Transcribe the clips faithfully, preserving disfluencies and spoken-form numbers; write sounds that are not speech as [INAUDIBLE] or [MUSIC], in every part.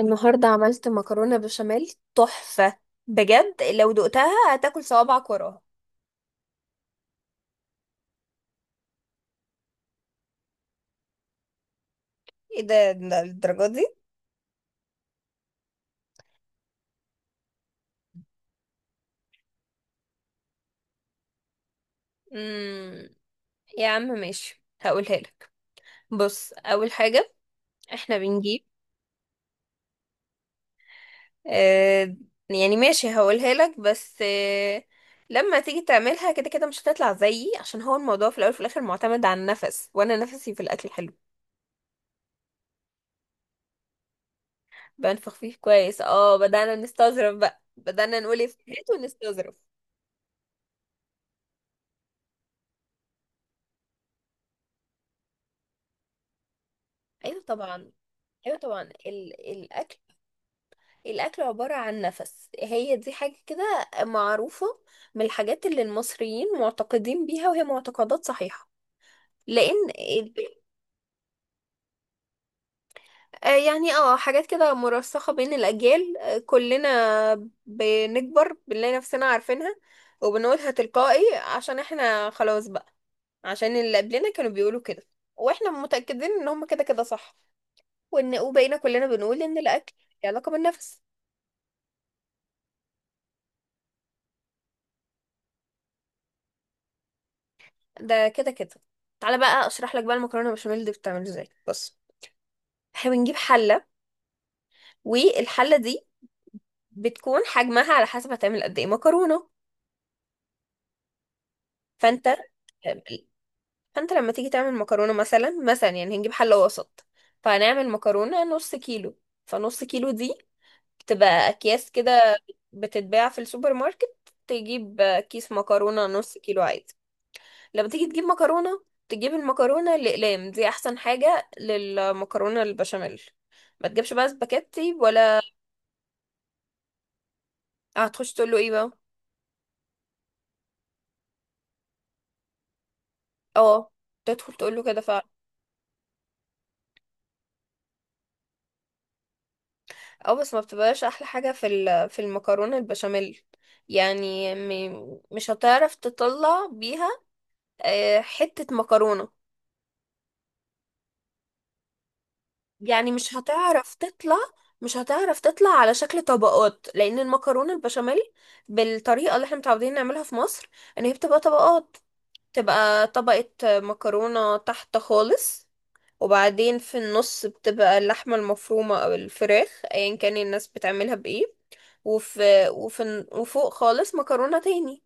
النهاردة عملت مكرونة بشاميل تحفة. بجد لو دقتها هتاكل صوابعك وراها. ايه ده ده الدرجة دي؟ امم يا عم ماشي، هقولها لك. بص، اول حاجة احنا بنجيب. آه، يعني ماشي هقولها لك، بس آه لما تيجي تعملها كده كده مش هتطلع زيي، عشان هو الموضوع في الاول وفي الاخر معتمد على النفس، وانا نفسي في الاكل حلو. بنفخ فيه كويس، اه بدأنا نستظرف بقى، بدأنا نقول افتات ونستظرف. ايوه طبعا. ايوه طبعا. ال الاكل الاكل عباره عن نفس، هي دي حاجه كده معروفه، من الحاجات اللي المصريين معتقدين بيها، وهي معتقدات صحيحه. لان ال- آه، يعني اه حاجات كده مرسخه بين الاجيال. آه كلنا بنكبر بنلاقي نفسنا عارفينها، وبنقولها تلقائي عشان احنا خلاص بقى، عشان اللي قبلنا كانوا بيقولوا كده، واحنا متاكدين ان هم كده كده صح، وان وبقينا كلنا بنقول ان الاكل له علاقه بالنفس. ده كده كده. تعالى بقى اشرح لك بقى المكرونه بشاميل دي بتتعمل ازاي. بص، احنا بنجيب حله، والحله دي بتكون حجمها على حسب هتعمل قد ايه مكرونه. فانت فانت لما تيجي تعمل مكرونه مثلا مثلا يعني هنجيب حله وسط، فهنعمل مكرونه نص كيلو. فنص كيلو دي بتبقى اكياس كده بتتباع في السوبر ماركت. تجيب كيس مكرونه نص كيلو عادي. لما تيجي تجيب مكرونة، تجيب المكرونة الأقلام. دي أحسن حاجة للمكرونة البشاميل. ما تجيبش بقى سباكيتي ولا هتخش تقول له ايه بقى؟ اه، تدخل تقول له كده فعلا. اه، بس ما بتبقاش أحلى حاجة في ال- في المكرونة البشاميل. يعني م- مش هتعرف تطلع بيها آه، حتة مكرونة. يعني مش هتعرف تطلع مش هتعرف تطلع على شكل طبقات، لأن المكرونة البشاميل بالطريقة اللي احنا متعودين نعملها في مصر ان هي بتبقى طبقات. تبقى طبقة مكرونة تحت خالص، وبعدين في النص بتبقى اللحمة المفرومة أو الفراخ أيا كان الناس بتعملها بإيه، وفي, وفي وفوق خالص مكرونة تاني.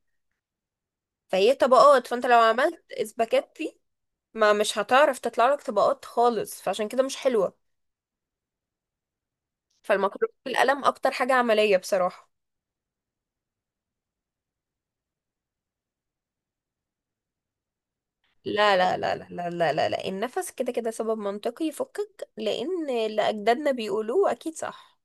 فهي طبقات. فانت لو عملت اسباجيتي، ما مش هتعرف تطلع لك طبقات خالص، فعشان كده مش حلوة. فالمكرونة بالقلم أكتر حاجة عملية بصراحة. لا، لا، لا، لا، لا، لا، لا، لا. النفس كده كده سبب منطقي يفكك، لأن اللي أجدادنا بيقولوه أكيد صح.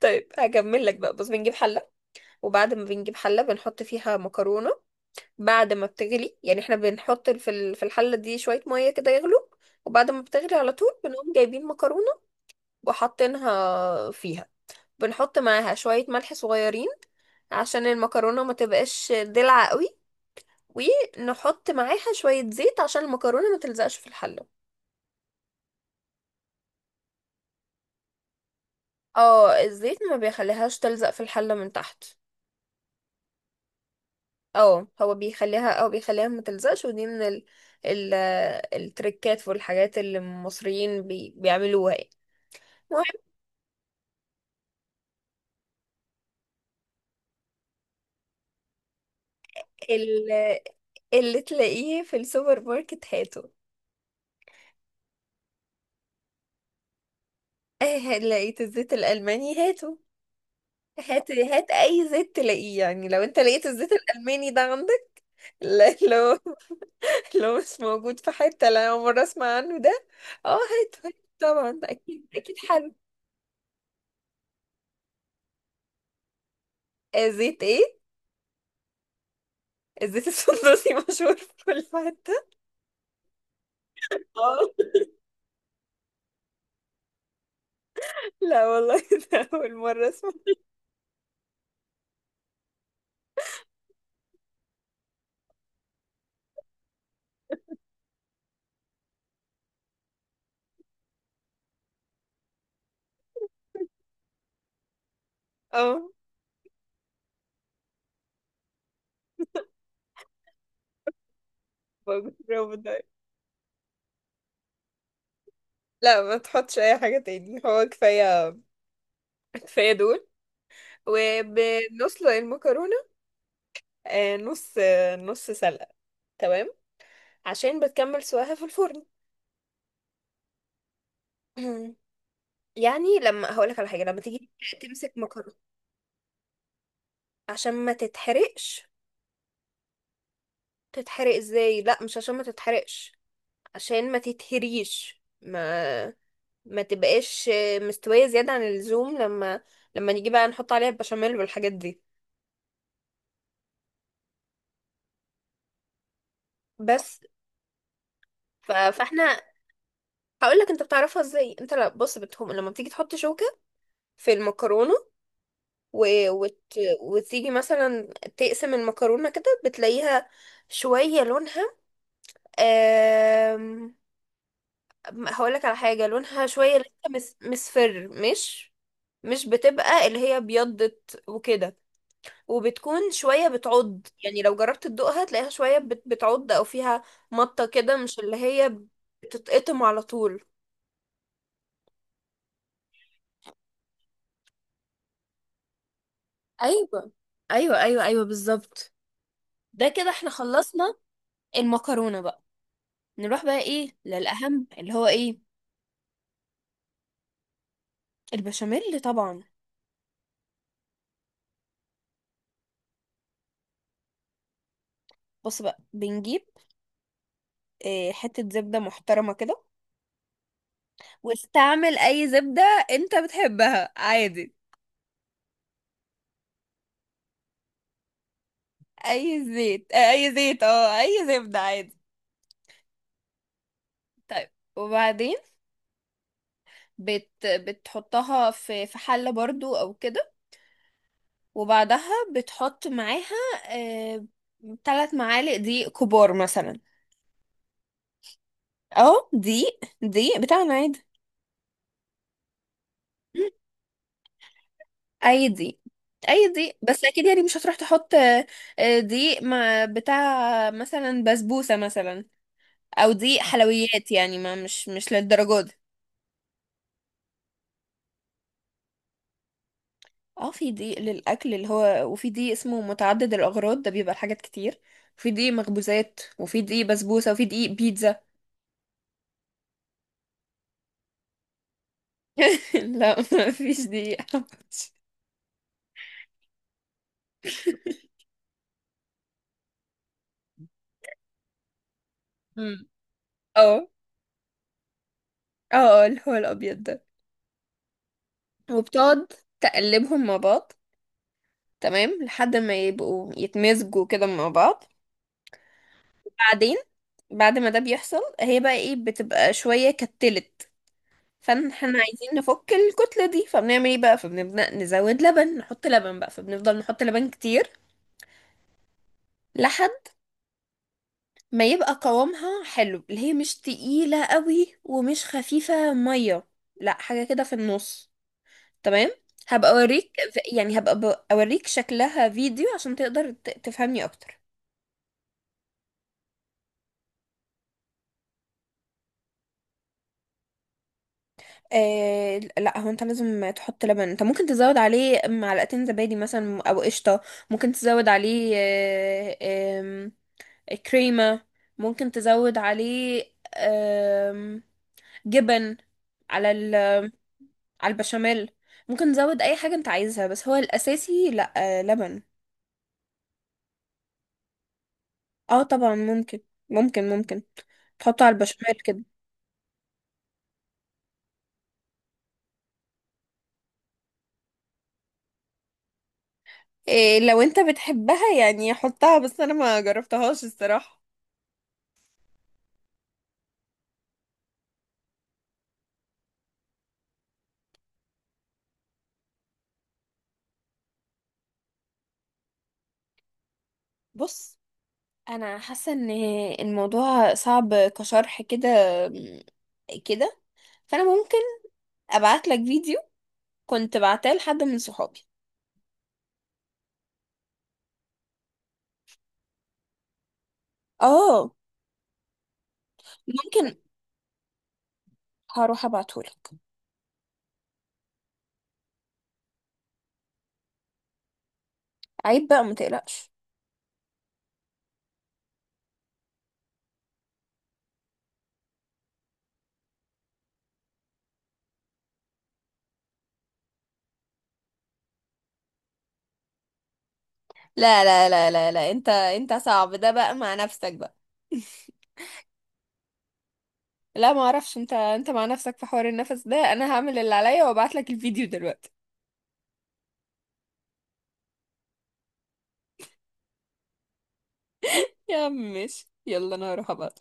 طيب، هكمل لك بقى. بص، بنجيب حلة. وبعد ما بنجيب حلة بنحط فيها مكرونة. بعد ما بتغلي، يعني احنا بنحط في ال- في الحلة دي شوية مية كده يغلو، وبعد ما بتغلي على طول بنقوم جايبين مكرونة وحاطينها فيها. بنحط معاها شوية ملح صغيرين عشان المكرونة ما تبقاش دلع قوي. ونحط معاها شوية زيت عشان المكرونة ما تلزقش في الحلة. اه، الزيت ما بيخليهاش تلزق في الحلة من تحت. اه، هو بيخليها، او بيخليها ما تلزقش. ودي من ال ال التريكات والحاجات اللي المصريين بي بيعملوها يعني. المهم، ال- اللي تلاقيه في السوبر ماركت هاته. [LAUGHS] اه، لقيت الزيت الألماني هاته. هات هات اي زيت تلاقيه، يعني لو انت لقيت الزيت الألماني ده عندك، لا- لو لو مش موجود في حتة، لا أول مرة اسمع عنه ده. اه، هاته هاته طبعا، ده اكيد اكيد حلو. آه، زيت ايه؟ الزيت السندوسي [LAUGHS] مشهور في كل حتة؟ اه، لا والله، [LAUGHS] ده أول مرة أسمع. اه، بجربه ده. لا، ما تحطش أي حاجة تاني، هو كفاية. كفاية دول. وبنسلق المكرونة. آه، نص آه، نص سلقة. تمام، عشان بتكمل سواها في الفرن. [CLEARS THROAT] يعني لما هقولك على حاجة، لما تيجي تمسك مكرونة عشان ما تتحرقش، تتحرق ازاي؟ لا، مش عشان ما تتحرقش، عشان ما تتهريش، ما ما تبقاش مستوية زيادة عن اللزوم، لما لما نيجي بقى نحط عليها البشاميل والحاجات دي بس. ف... فاحنا هقول لك انت بتعرفها ازاي. انت لا، بص، بتهم لما بتيجي تحط شوكة في المكرونة و... وت... وتيجي مثلا تقسم المكرونة كده بتلاقيها شوية لونها أم... هقول لك على حاجة، لونها شوية لسه مس... مصفر، مش مش بتبقى اللي هي بيضت وكده. وبتكون شوية بتعض يعني لو جربت تدوقها تلاقيها شوية بت- بتعض، أو فيها مطة كده، مش اللي هي بتتقطم على طول. ايوه، ايوه، ايوه، ايوه، بالظبط. ده كده احنا خلصنا المكرونه بقى. نروح بقى ايه للاهم اللي هو ايه، البشاميل طبعا. بص بقى، بنجيب إيه، حته زبده محترمه كده، واستعمل اي زبده انت بتحبها عادي. اي زيت، آه، اي زيت، اه اي زبده عادي. طيب، وبعدين بت بتحطها في في حلة برضو او كده، وبعدها بتحط معاها آه، تلات معالق دقيق كبار مثلا. اه، دقيق دقيق بتاعنا عادي. اي دقيق اي دقيق، بس اكيد يعني مش هتروح تحط آه، آه، دقيق مع بتاع مثلا بسبوسة مثلا، او دقيق حلويات، يعني ما مش مش للدرجة دي. اه، في دقيق للاكل اللي هو، وفي دقيق اسمه متعدد الاغراض، ده بيبقى لحاجات كتير، وفي دقيق مخبوزات، وفي دقيق بسبوسة، وفي دقيق بيتزا. [LAUGHS] لا، ما فيش دقيقة. مم. اه، اه، اه، اللي هو الابيض ده. وبتقعد تقلبهم مع بعض، تمام، لحد ما يبقوا يتمزجوا كده مع بعض. بعدين، بعد ما ده بيحصل هي بقى ايه، بتبقى شوية كتلت. فاحنا عايزين نفك الكتلة دي، فبنعمل ايه بقى؟ فبنبدأ نزود لبن، نحط لبن بقى، فبنفضل نحط لبن كتير. لحد ما يبقى قوامها حلو، اللي هي مش تقيلة قوي ومش خفيفة مية، لا حاجة كده في النص. تمام. هبقى اوريك ف- يعني هبقى ب- اوريك شكلها فيديو عشان تقدر ت- تفهمني اكتر. آه، لا، هو انت لازم تحط لبن. انت ممكن تزود عليه معلقتين زبادي مثلا او قشطة. ممكن تزود عليه آه آم، كريمة. ممكن تزود عليه آم، جبن على ال على البشاميل. ممكن تزود اي حاجة انت عايزها، بس هو الاساسي لا، آه لبن. اه، طبعا ممكن. ممكن ممكن تحطه على البشاميل كده. إيه، لو انت بتحبها يعني حطها، بس انا ما جربتهاش الصراحة. بص، انا حاسة ان الموضوع صعب كشرح كده كده. فانا ممكن ابعت لك فيديو كنت بعتاه لحد من صحابي. اه، ممكن، هروح ابعتهولك. عيب بقى، ما تقلقش. لا، لا، لا، لا، لا، انت انت صعب ده بقى مع نفسك بقى. [LAUGHS] لا، ما اعرفش، انت انت مع نفسك في حوار النفس ده. انا هعمل اللي عليا وابعت لك الفيديو دلوقتي. يا عم ماشي، يلا انا هروح ابعت.